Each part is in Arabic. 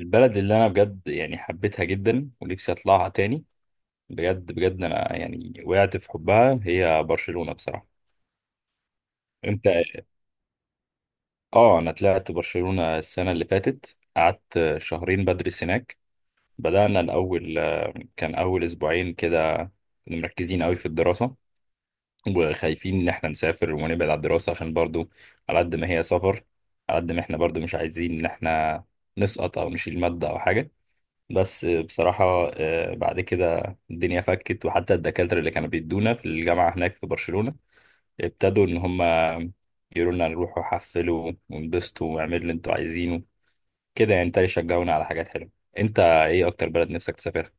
البلد اللي انا بجد يعني حبيتها جدا ونفسي اطلعها تاني. بجد بجد انا يعني وقعت في حبها، هي برشلونة بصراحة. انت؟ اه، انا طلعت برشلونة السنة اللي فاتت، قعدت شهرين بدرس هناك. بدأنا الاول، كان اول اسبوعين كده كنا مركزين قوي في الدراسة وخايفين ان احنا نسافر ونبعد عن الدراسة، عشان برضو على قد ما هي سفر، على قد ما احنا برضو مش عايزين ان احنا نسقط او نشيل مادة او حاجة. بس بصراحة بعد كده الدنيا فكت، وحتى الدكاترة اللي كانوا بيدونا في الجامعة هناك في برشلونة ابتدوا إن هم يقولوا لنا نروحوا حفلوا وانبسطوا واعملوا اللي انتوا عايزينه، كده يعني ابتدوا يشجعونا على حاجات حلوة. انت ايه أكتر بلد نفسك تسافرها؟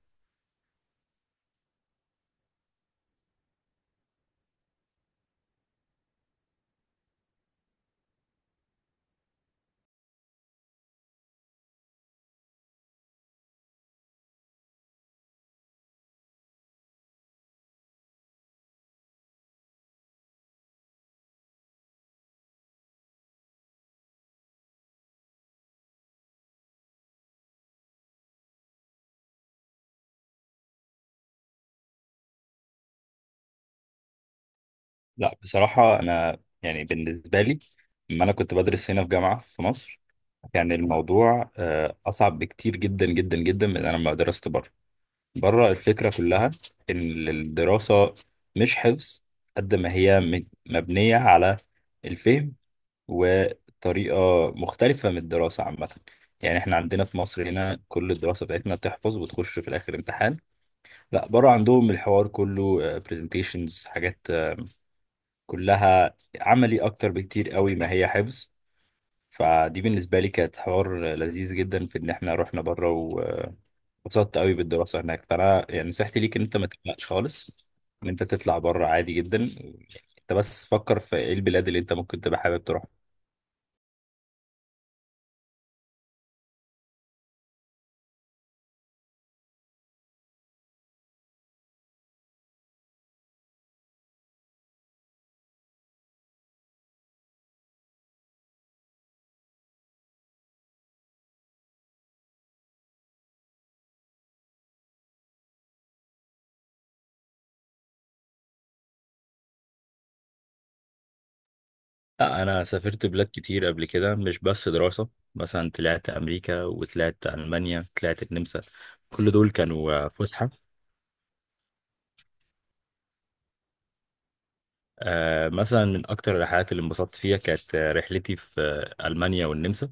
لا بصراحة أنا يعني بالنسبة لي لما أنا كنت بدرس هنا في جامعة في مصر كان الموضوع أصعب بكتير جدا جدا جدا من أنا لما درست بره. بره الفكرة كلها إن الدراسة مش حفظ، قد ما هي مبنية على الفهم، وطريقة مختلفة من الدراسة عامة. يعني احنا عندنا في مصر هنا كل الدراسة بتاعتنا بتحفظ وتخش في الآخر امتحان. لا، بره عندهم الحوار كله برزنتيشنز، حاجات كلها عملي أكتر بكتير قوي ما هي حفظ. فدي بالنسبة لي كانت حوار لذيذ جدا في إن احنا رحنا بره، اتبسطت قوي بالدراسه هناك. فانا يعني نصيحتي ليك ان انت ما تقلقش خالص ان انت تطلع بره، عادي جدا. انت بس فكر في ايه البلاد اللي انت ممكن تبقى حابب تروح. لا انا سافرت بلاد كتير قبل كده مش بس دراسه، مثلا طلعت امريكا وطلعت المانيا، طلعت النمسا، كل دول كانوا فسحه. مثلا من اكتر الرحلات اللي انبسطت فيها كانت رحلتي في المانيا والنمسا.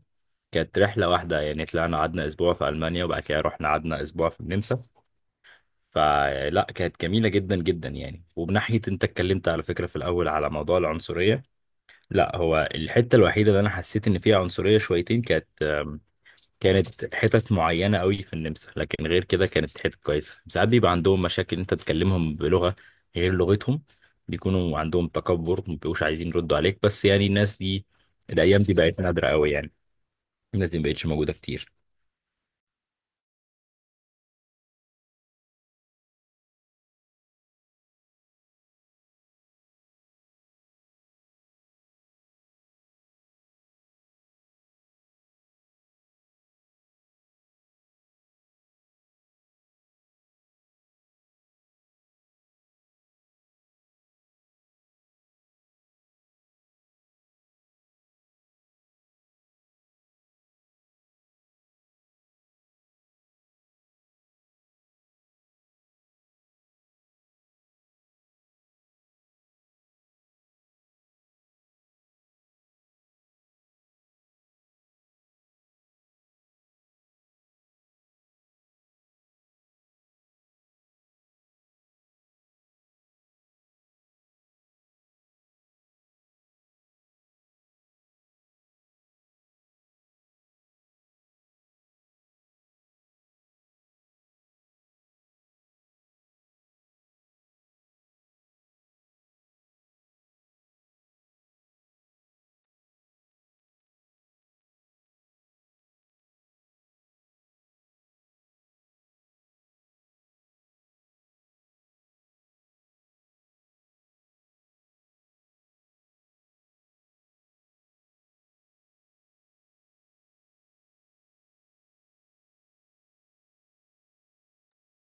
كانت رحله واحده، يعني طلعنا قعدنا اسبوع في المانيا وبعد كده رحنا قعدنا اسبوع في النمسا. فلا كانت جميلة جدا جدا، يعني وبناحية انت اتكلمت على فكرة في الأول على موضوع العنصرية، لا هو الحتة الوحيدة اللي أنا حسيت إن فيها عنصرية شويتين كانت كانت حتت معينة قوي في النمسا، لكن غير كده كانت حتت كويسة. ساعات بيبقى عندهم مشاكل انت تكلمهم بلغة غير لغتهم، بيكونوا عندهم تكبر، مبيبقوش عايزين يردوا عليك، بس يعني الناس دي الأيام دي بقت نادرة قوي يعني، الناس دي مبقتش موجودة كتير.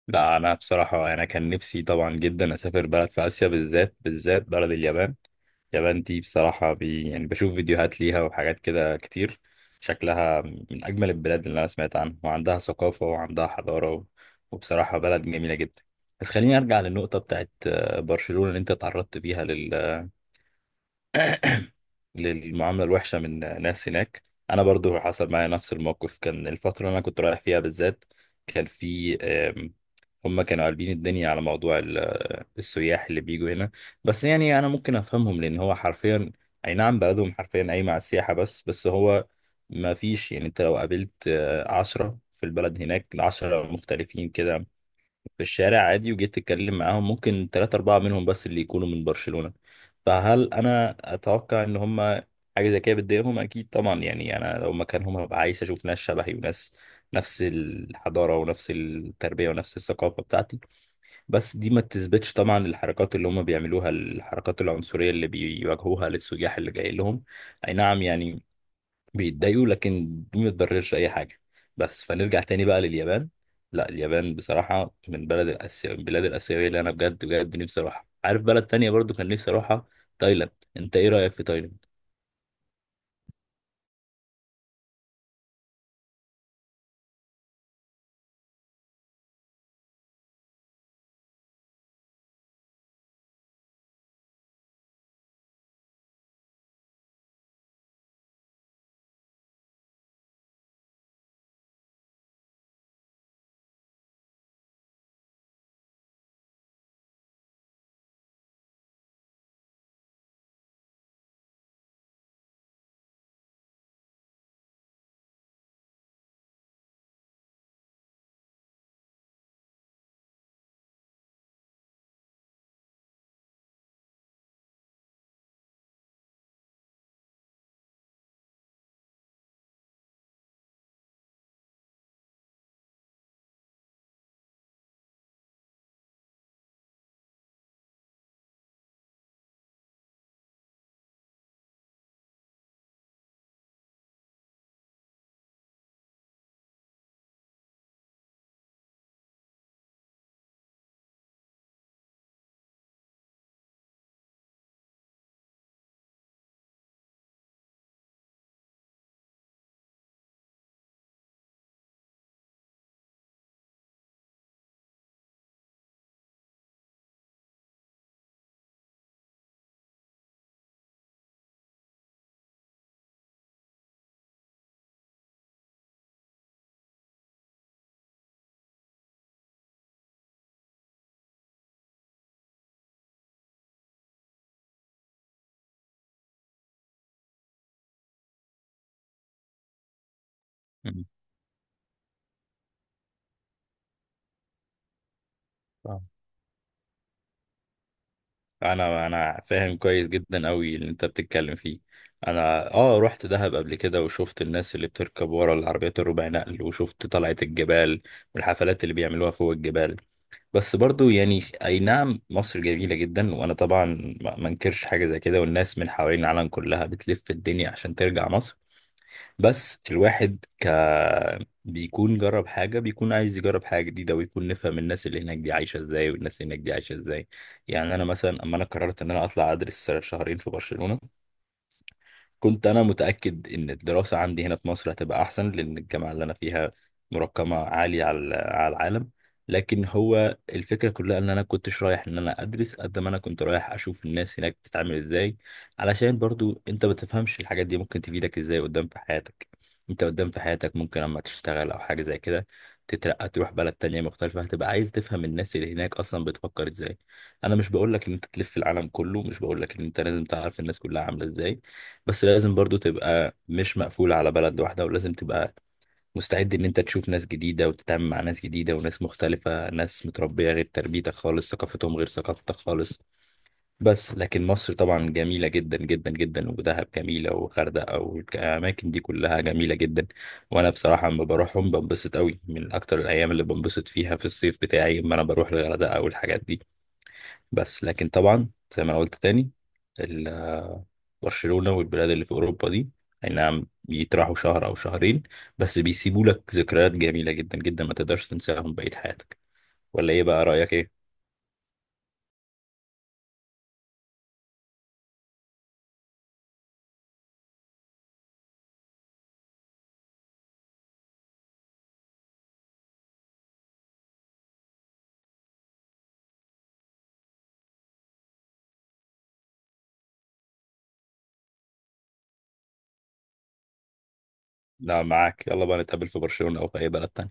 لا انا بصراحه انا كان نفسي طبعا جدا اسافر بلد في اسيا، بالذات بالذات بلد اليابان. اليابان دي بصراحه يعني بشوف فيديوهات ليها وحاجات كده كتير، شكلها من اجمل البلاد اللي انا سمعت عنها، وعندها ثقافه وعندها حضاره وبصراحه بلد جميله جدا. بس خليني ارجع للنقطه بتاعت برشلونه اللي انت تعرضت فيها للمعاملة الوحشة من ناس هناك. أنا برضو حصل معايا نفس الموقف، كان الفترة اللي أنا كنت رايح فيها بالذات كان في هما كانوا قالبين الدنيا على موضوع السياح اللي بيجوا هنا. بس يعني أنا ممكن أفهمهم لأن هو حرفيا، أي نعم، بلدهم حرفيا أي مع السياحة، بس هو ما فيش، يعني أنت لو قابلت عشرة في البلد هناك العشرة مختلفين كده، في الشارع عادي وجيت تتكلم معاهم ممكن ثلاثة أربعة منهم بس اللي يكونوا من برشلونة. فهل أنا أتوقع إن هما حاجة زي كده بتضايقهم؟ أكيد طبعا، يعني أنا لو مكانهم هبقى عايز أشوف ناس شبهي وناس نفس الحضارة ونفس التربية ونفس الثقافة بتاعتي. بس دي ما تثبتش طبعا الحركات اللي هما بيعملوها، الحركات العنصرية اللي بيواجهوها للسياح اللي جاي لهم، أي نعم يعني بيتضايقوا لكن دي ما تبررش اي حاجه. بس فنرجع تاني بقى لليابان. لا، اليابان بصراحه من بلد الاسيا، البلاد الاسيويه اللي انا بجد بجد نفسي اروحها. عارف بلد تانية برضو كان نفسي اروحها؟ تايلاند. انت ايه رايك في تايلاند؟ مم. فاهم. انا انا فاهم كويس جدا قوي اللي انت بتتكلم فيه. انا اه رحت دهب قبل كده وشفت الناس اللي بتركب ورا العربيات الربع نقل، وشفت طلعة الجبال والحفلات اللي بيعملوها فوق الجبال. بس برضو يعني اي نعم مصر جميلة جدا، وانا طبعا ما انكرش حاجة زي كده، والناس من حوالين العالم كلها بتلف الدنيا عشان ترجع مصر. بس الواحد بيكون جرب حاجة، بيكون عايز يجرب حاجة جديدة، ويكون نفهم الناس اللي هناك دي عايشة ازاي والناس اللي هناك دي عايشة ازاي. يعني انا مثلا اما انا قررت ان انا اطلع ادرس شهرين في برشلونة، كنت انا متاكد ان الدراسه عندي هنا في مصر هتبقى احسن، لان الجامعه اللي انا فيها مرقمه عاليه على العالم. لكن هو الفكره كلها ان انا كنتش رايح ان انا ادرس قد ما انا كنت رايح اشوف الناس هناك بتتعامل ازاي، علشان برضو انت ما تفهمش الحاجات دي ممكن تفيدك ازاي قدام في حياتك. انت قدام في حياتك ممكن لما تشتغل او حاجه زي كده تترقى تروح بلد تانية مختلفة، هتبقى عايز تفهم الناس اللي هناك أصلا بتفكر إزاي. أنا مش بقولك إن أنت تلف العالم كله، مش بقولك إن أنت لازم تعرف الناس كلها عاملة إزاي، بس لازم برضو تبقى مش مقفول على بلد واحدة، ولازم تبقى مستعد ان انت تشوف ناس جديدة وتتعامل مع ناس جديدة وناس مختلفة، ناس متربية غير تربيتك خالص ثقافتهم غير ثقافتك خالص. بس لكن مصر طبعا جميلة جدا جدا جدا، ودهب جميلة وغردقة والأماكن دي كلها جميلة جدا. وأنا بصراحة لما بروحهم بنبسط قوي، من أكتر الأيام اللي بنبسط فيها في الصيف بتاعي لما أنا بروح الغردقة والحاجات دي. بس لكن طبعا زي ما انا قلت تاني، ال- برشلونة والبلاد اللي في اوروبا دي اي نعم بيتراحوا شهر او شهرين، بس بيسيبوا لك ذكريات جميلة جدا جدا ما تقدرش تنساهم بقية حياتك. ولا ايه بقى رأيك ايه؟ لا معاك، يلا بقى نتقابل في برشلونة او في اي بلد تاني.